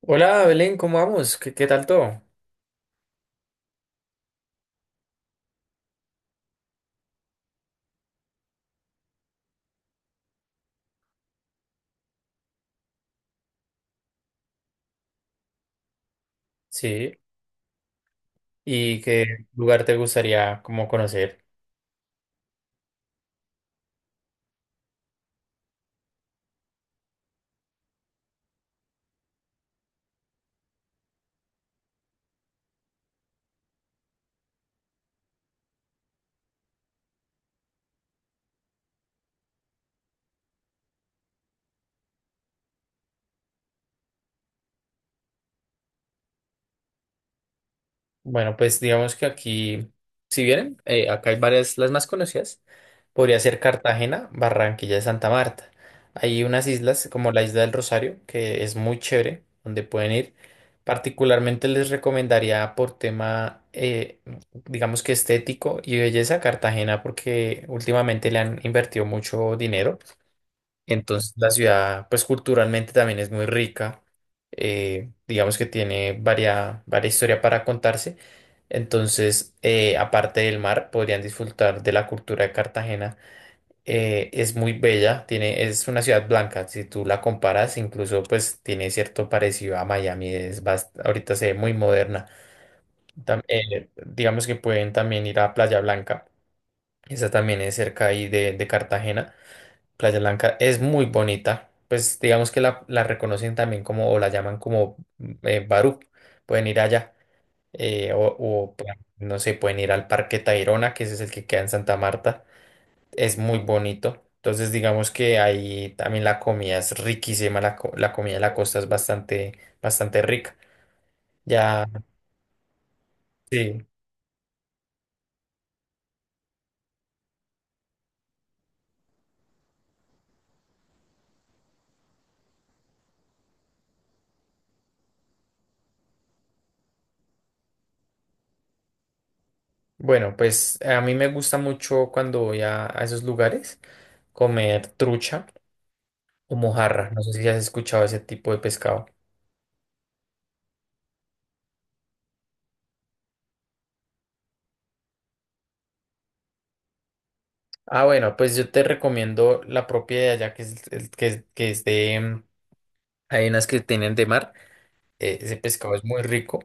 Hola Belén, ¿cómo vamos? ¿Qué tal todo? Sí, ¿y qué lugar te gustaría como conocer? Bueno, pues digamos que aquí, si vienen, acá hay varias, las más conocidas, podría ser Cartagena, Barranquilla y Santa Marta. Hay unas islas como la Isla del Rosario, que es muy chévere, donde pueden ir. Particularmente les recomendaría por tema, digamos que estético y belleza, Cartagena, porque últimamente le han invertido mucho dinero. Entonces la ciudad, pues culturalmente también es muy rica, digamos que tiene varia historia para contarse. Entonces, aparte del mar, podrían disfrutar de la cultura de Cartagena. Es muy bella, tiene, es una ciudad blanca, si tú la comparas, incluso pues tiene cierto parecido a Miami, es ahorita se ve muy moderna. Digamos que pueden también ir a Playa Blanca, esa también es cerca ahí de Cartagena. Playa Blanca es muy bonita. Pues digamos que la reconocen también como, o la llaman como Barú. Pueden ir allá. Pues, no sé, pueden ir al Parque Tayrona, que ese es el que queda en Santa Marta. Es muy bonito. Entonces, digamos que ahí también la comida es riquísima. La comida de la costa es bastante rica. Ya, sí. Bueno, pues a mí me gusta mucho cuando voy a esos lugares, comer trucha o mojarra. No sé si has escuchado ese tipo de pescado. Ah, bueno, pues yo te recomiendo la propia de allá, que es de... Hay unas que tienen de mar, ese pescado es muy rico,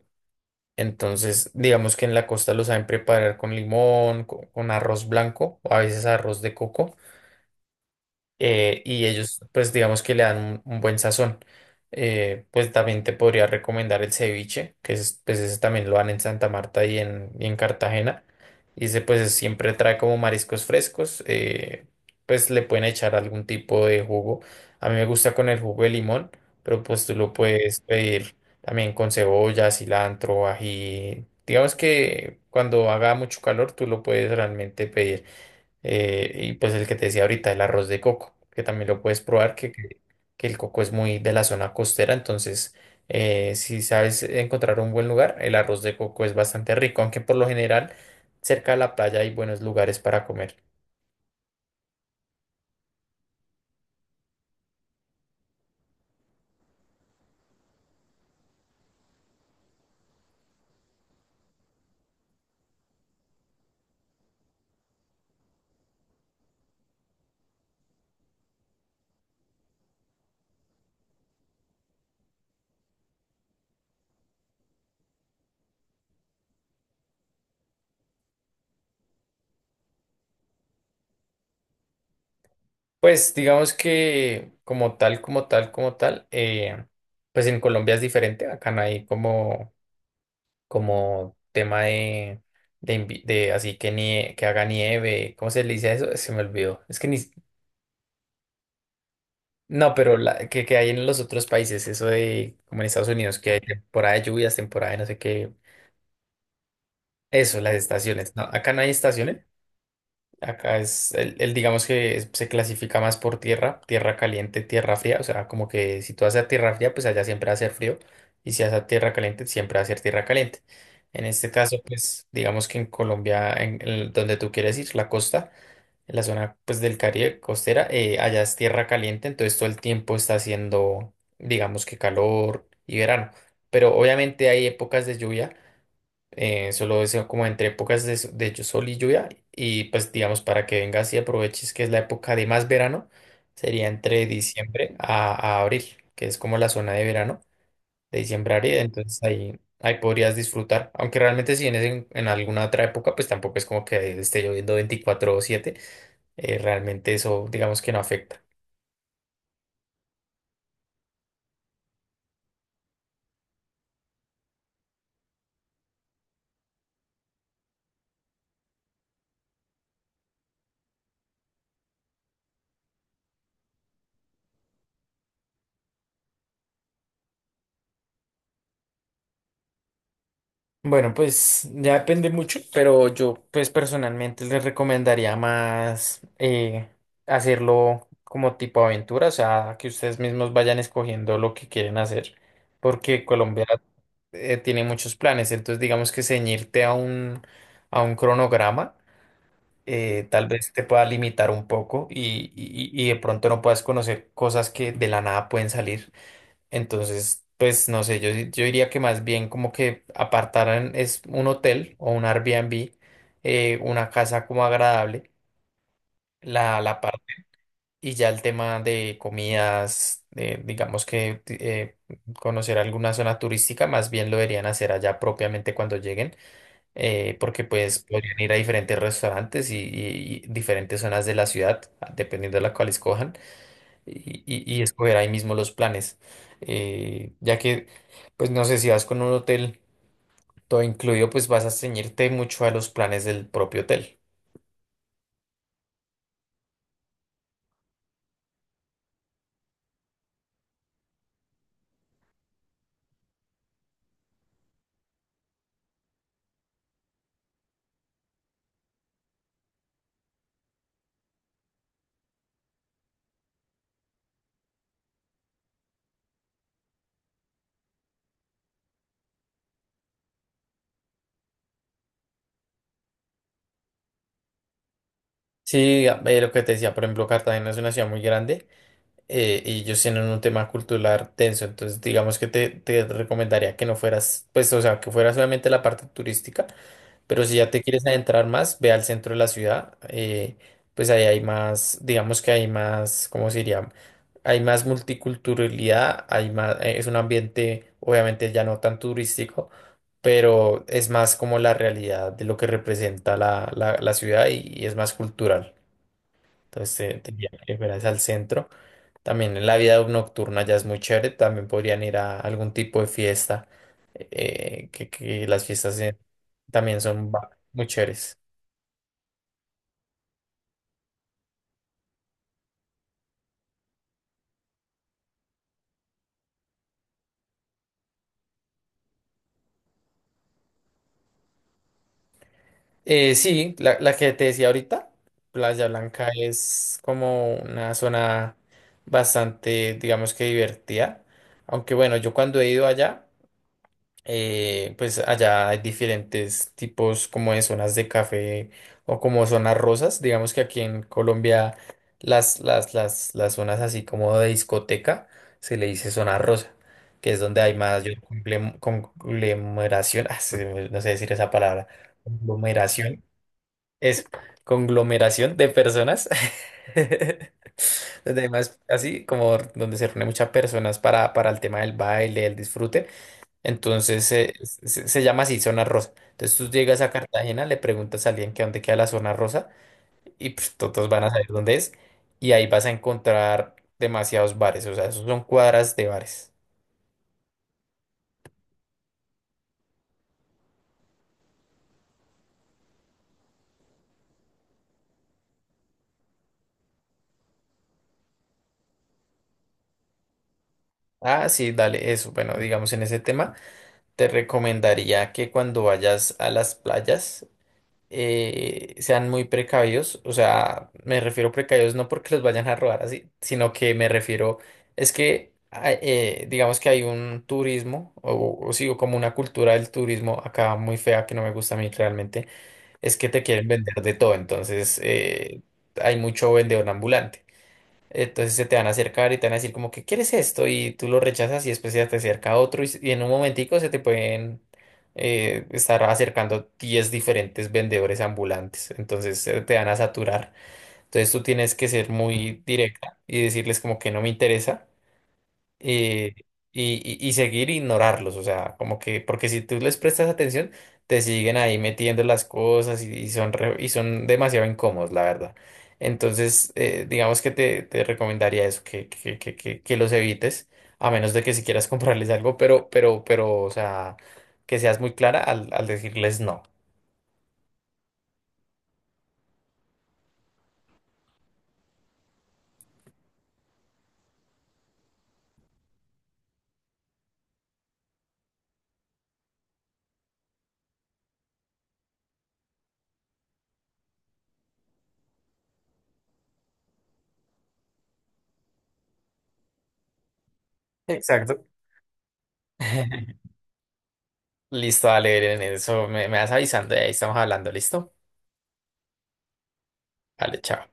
entonces digamos que en la costa lo saben preparar con limón, con arroz blanco, o a veces arroz de coco, y ellos pues digamos que le dan un buen sazón. Pues también te podría recomendar el ceviche, pues ese también lo dan en Santa Marta y y en Cartagena. Y ese pues siempre trae como mariscos frescos, pues le pueden echar algún tipo de jugo. A mí me gusta con el jugo de limón, pero pues tú lo puedes pedir también con cebolla, cilantro, ají. Digamos que cuando haga mucho calor tú lo puedes realmente pedir. Y pues el que te decía ahorita, el arroz de coco, que también lo puedes probar, que el coco es muy de la zona costera, entonces si sabes encontrar un buen lugar, el arroz de coco es bastante rico, aunque por lo general cerca de la playa hay buenos lugares para comer. Pues digamos que como tal, pues en Colombia es diferente, acá no hay como, como tema de... De, de así que que haga nieve, ¿cómo se le dice a eso? Se me olvidó. Es que ni, No, pero la, que hay en los otros países, eso de, como en Estados Unidos, que hay temporada de lluvias, temporada de no sé qué, eso, las estaciones. No, acá no hay estaciones, acá es, digamos que se clasifica más por tierra, tierra caliente, tierra fría, o sea, como que si tú vas a tierra fría, pues allá siempre va a ser frío, y si vas a tierra caliente, siempre va a ser tierra caliente. En este caso, pues, digamos que en Colombia, en donde tú quieres ir, la costa en la zona pues del Caribe costera, allá es tierra caliente, entonces todo el tiempo está haciendo, digamos que calor y verano. Pero obviamente hay épocas de lluvia, solo es como entre épocas de, sol y lluvia, y pues digamos para que vengas y aproveches que es la época de más verano, sería entre diciembre a abril, que es como la zona de verano de diciembre a, entonces ahí podrías disfrutar. Aunque realmente si vienes en alguna otra época, pues tampoco es como que esté lloviendo 24/7. Realmente eso digamos que no afecta. Bueno, pues ya depende mucho, pero yo pues personalmente les recomendaría más, hacerlo como tipo aventura, o sea, que ustedes mismos vayan escogiendo lo que quieren hacer, porque Colombia, tiene muchos planes, entonces digamos que ceñirte a un cronograma, tal vez te pueda limitar un poco y, y de pronto no puedas conocer cosas que de la nada pueden salir. Entonces, pues no sé, yo diría que más bien como que apartaran es un hotel o un Airbnb, una casa como agradable, la parte, y ya el tema de comidas, digamos que conocer alguna zona turística, más bien lo deberían hacer allá propiamente cuando lleguen, porque pues podrían ir a diferentes restaurantes y, y diferentes zonas de la ciudad, dependiendo de la cual escojan, y, y escoger ahí mismo los planes. Eh, ya que, pues no sé, si vas con un hotel todo incluido, pues vas a ceñirte mucho a los planes del propio hotel. Sí, lo que te decía, por ejemplo, Cartagena es una ciudad muy grande, y ellos tienen un tema cultural tenso, entonces digamos que te recomendaría que no fueras, pues, o sea, que fuera solamente la parte turística. Pero si ya te quieres adentrar más, ve al centro de la ciudad, pues ahí hay más, digamos que hay más, ¿cómo se diría? Hay más multiculturalidad, hay más, es un ambiente obviamente ya no tan turístico, pero es más como la realidad de lo que representa la, la ciudad y es más cultural. Entonces te diría que fueras al centro. También en la vida nocturna ya es muy chévere, también podrían ir a algún tipo de fiesta, que las fiestas, también son muy chéveres. Sí, la que te decía ahorita, Playa Blanca es como una zona bastante, digamos que divertida, aunque bueno, yo cuando he ido allá, pues allá hay diferentes tipos como de zonas de café o como zonas rosas. Digamos que aquí en Colombia las zonas así como de discoteca se le dice zona rosa, que es donde hay mayor conglomeración, ah, no sé decir esa palabra, conglomeración, es conglomeración de personas. Donde hay más así como donde se reúnen muchas personas para el tema del baile, el disfrute. Entonces se llama así zona rosa. Entonces tú llegas a Cartagena, le preguntas a alguien que dónde queda la zona rosa y pues todos van a saber dónde es, y ahí vas a encontrar demasiados bares, o sea, esos son cuadras de bares. Ah, sí, dale, eso. Bueno, digamos en ese tema, te recomendaría que cuando vayas a las playas sean muy precavidos, o sea, me refiero precavidos no porque los vayan a robar así, sino que me refiero, digamos que hay un turismo, o sí, o como una cultura del turismo acá muy fea que no me gusta a mí realmente, es que te quieren vender de todo, entonces hay mucho vendedor ambulante. Entonces se te van a acercar y te van a decir como que quieres esto y tú lo rechazas y después se te acerca otro y, y en un momentico se te pueden, estar acercando 10 diferentes vendedores ambulantes. Entonces se te van a saturar. Entonces tú tienes que ser muy directa y decirles como que no me interesa, eh, y seguir ignorarlos, o sea, como que, porque si tú les prestas atención, te siguen ahí metiendo las cosas y, y son demasiado incómodos, la verdad. Entonces, digamos que te recomendaría eso, que, que los evites, a menos de que si quieras comprarles algo, pero, o sea, que seas muy clara al decirles no. Exacto. Listo, dale, Belén, eso me vas avisando y ahí estamos hablando, ¿listo? Vale, chao.